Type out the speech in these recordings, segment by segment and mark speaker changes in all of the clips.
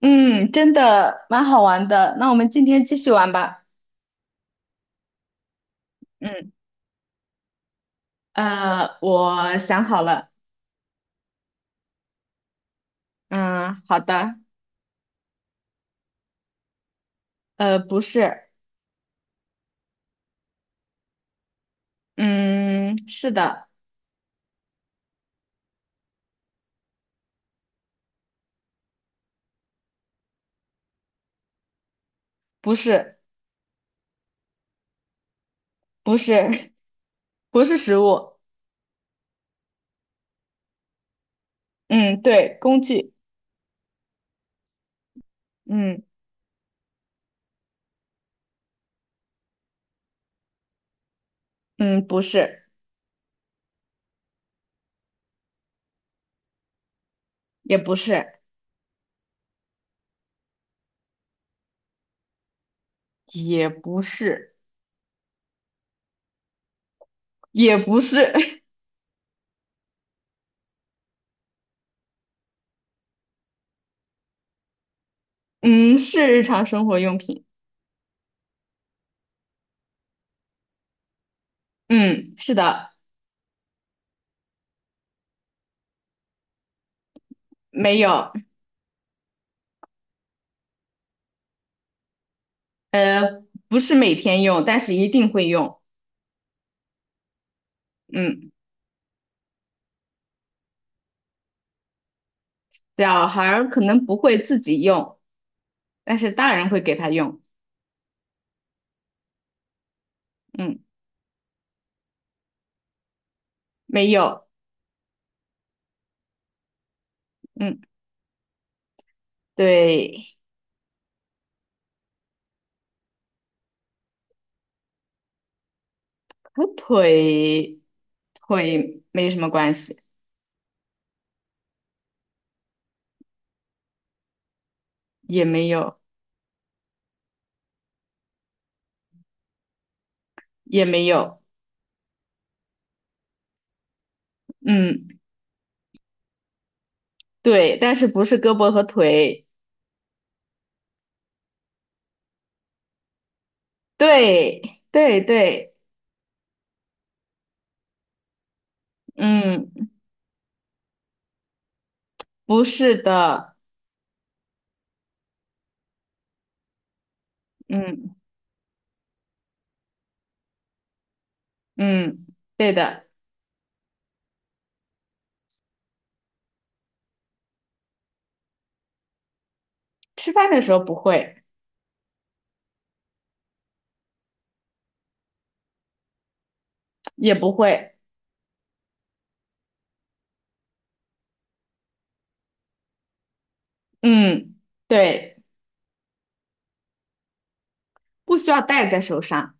Speaker 1: 嗯，真的蛮好玩的。那我们今天继续玩吧。嗯，我想好了。嗯，好的。呃，不是，嗯，是的，不是，不是，不是食物。嗯，对，工具。嗯嗯，不是，也不是，也不是，也不是。嗯，是日常生活用品。嗯，是的，没有。呃，不是每天用，但是一定会用。嗯。小孩儿可能不会自己用，但是大人会给他用。嗯，没有。嗯，对，和腿没什么关系，也没有，也没有。嗯，对，但是不是胳膊和腿？对，对对，嗯，不是的，嗯嗯，对的。吃饭的时候不会，也不会。嗯，对，不需要戴在手上。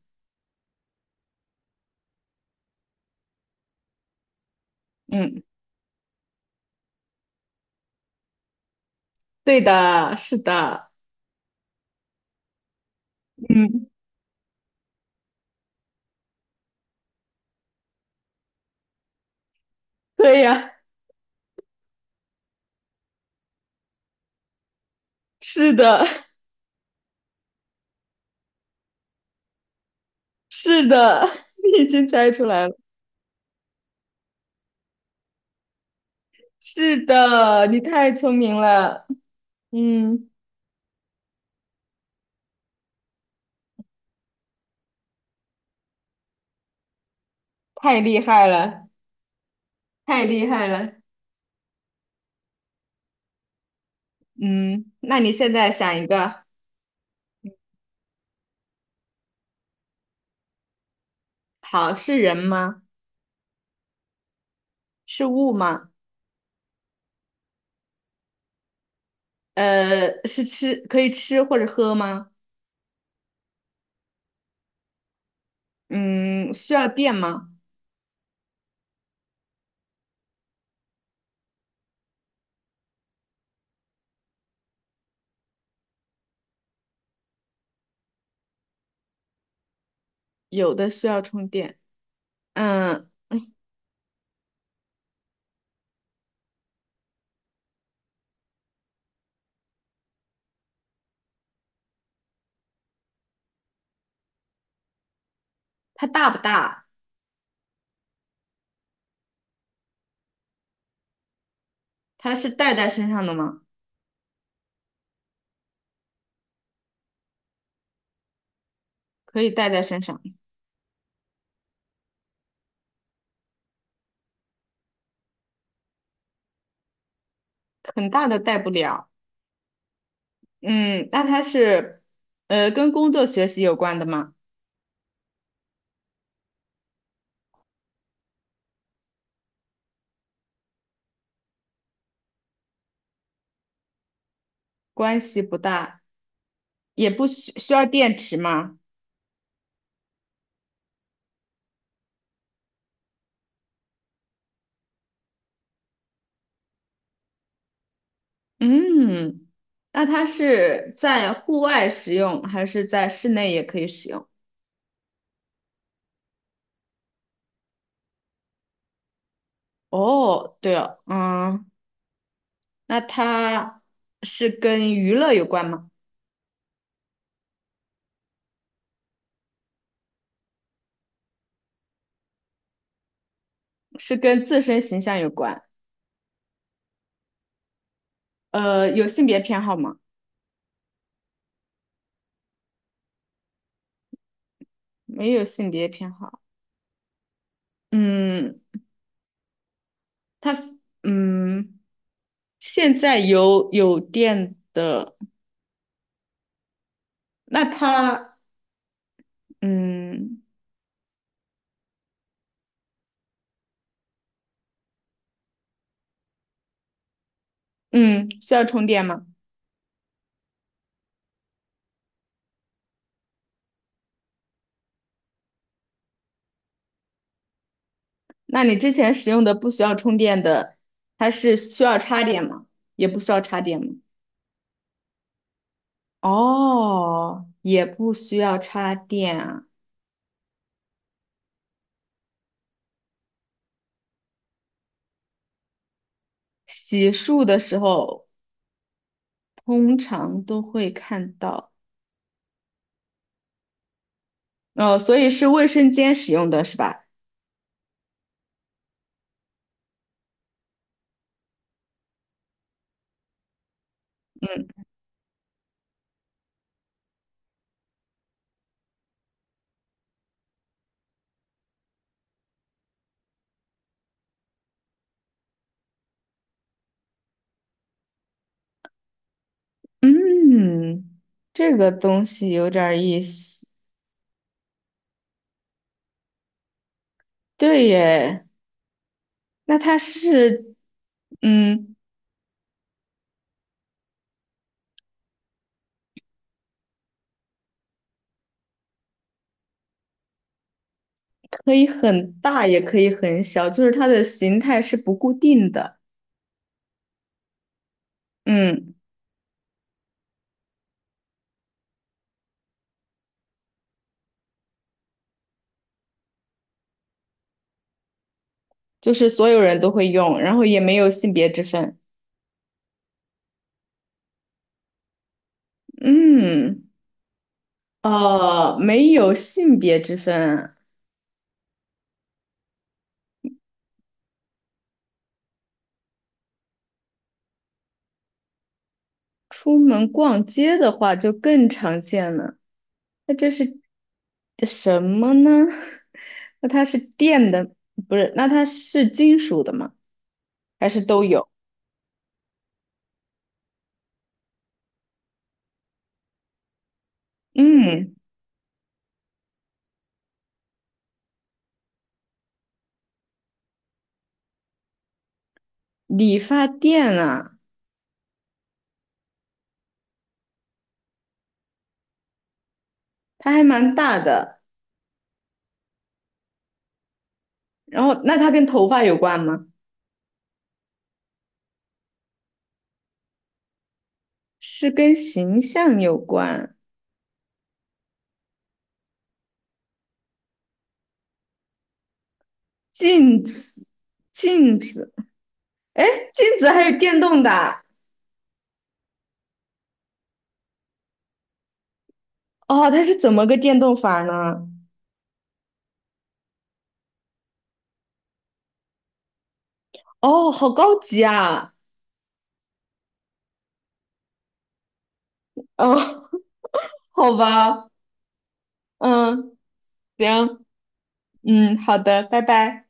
Speaker 1: 嗯，对的，是的。嗯。对呀，是的，是的，你已经猜出来了。是的，你太聪明了，嗯，太厉害了，太厉害了，嗯，那你现在想一个，好，是人吗？是物吗？呃，是吃，可以吃或者喝吗？嗯，需要电吗？有的需要充电。嗯，它大不大？它是带在身上的吗？可以带在身上，很大的带不了。嗯，那它是，跟工作学习有关的吗？关系不大，也不需需要电池吗？嗯，那它是在户外使用，还是在室内也可以使用？哦，对哦，嗯，那它是跟娱乐有关吗？是跟自身形象有关？呃，有性别偏好吗？没有性别偏好。嗯，它，嗯，现在有电的，那它。嗯嗯，需要充电吗？那你之前使用的不需要充电的，它是需要插电吗？也不需要插电吗？哦，也不需要插电啊。洗漱的时候通常都会看到，哦，所以是卫生间使用的是吧？嗯嗯，这个东西有点儿意思。对耶，那它是，嗯。可以很大，也可以很小，就是它的形态是不固定的。嗯，就是所有人都会用，然后也没有性别之分。嗯，没有性别之分。出门逛街的话就更常见了。那这是什么呢？那它是电的，不是？那它是金属的吗？还是都有？嗯，理发店啊，它还蛮大的。然后，那它跟头发有关吗？是跟形象有关。镜子，镜子，哎，镜子还有电动的啊哦，它是怎么个电动法呢？哦，好高级啊！哦，好吧，嗯，行，嗯，好的，拜拜。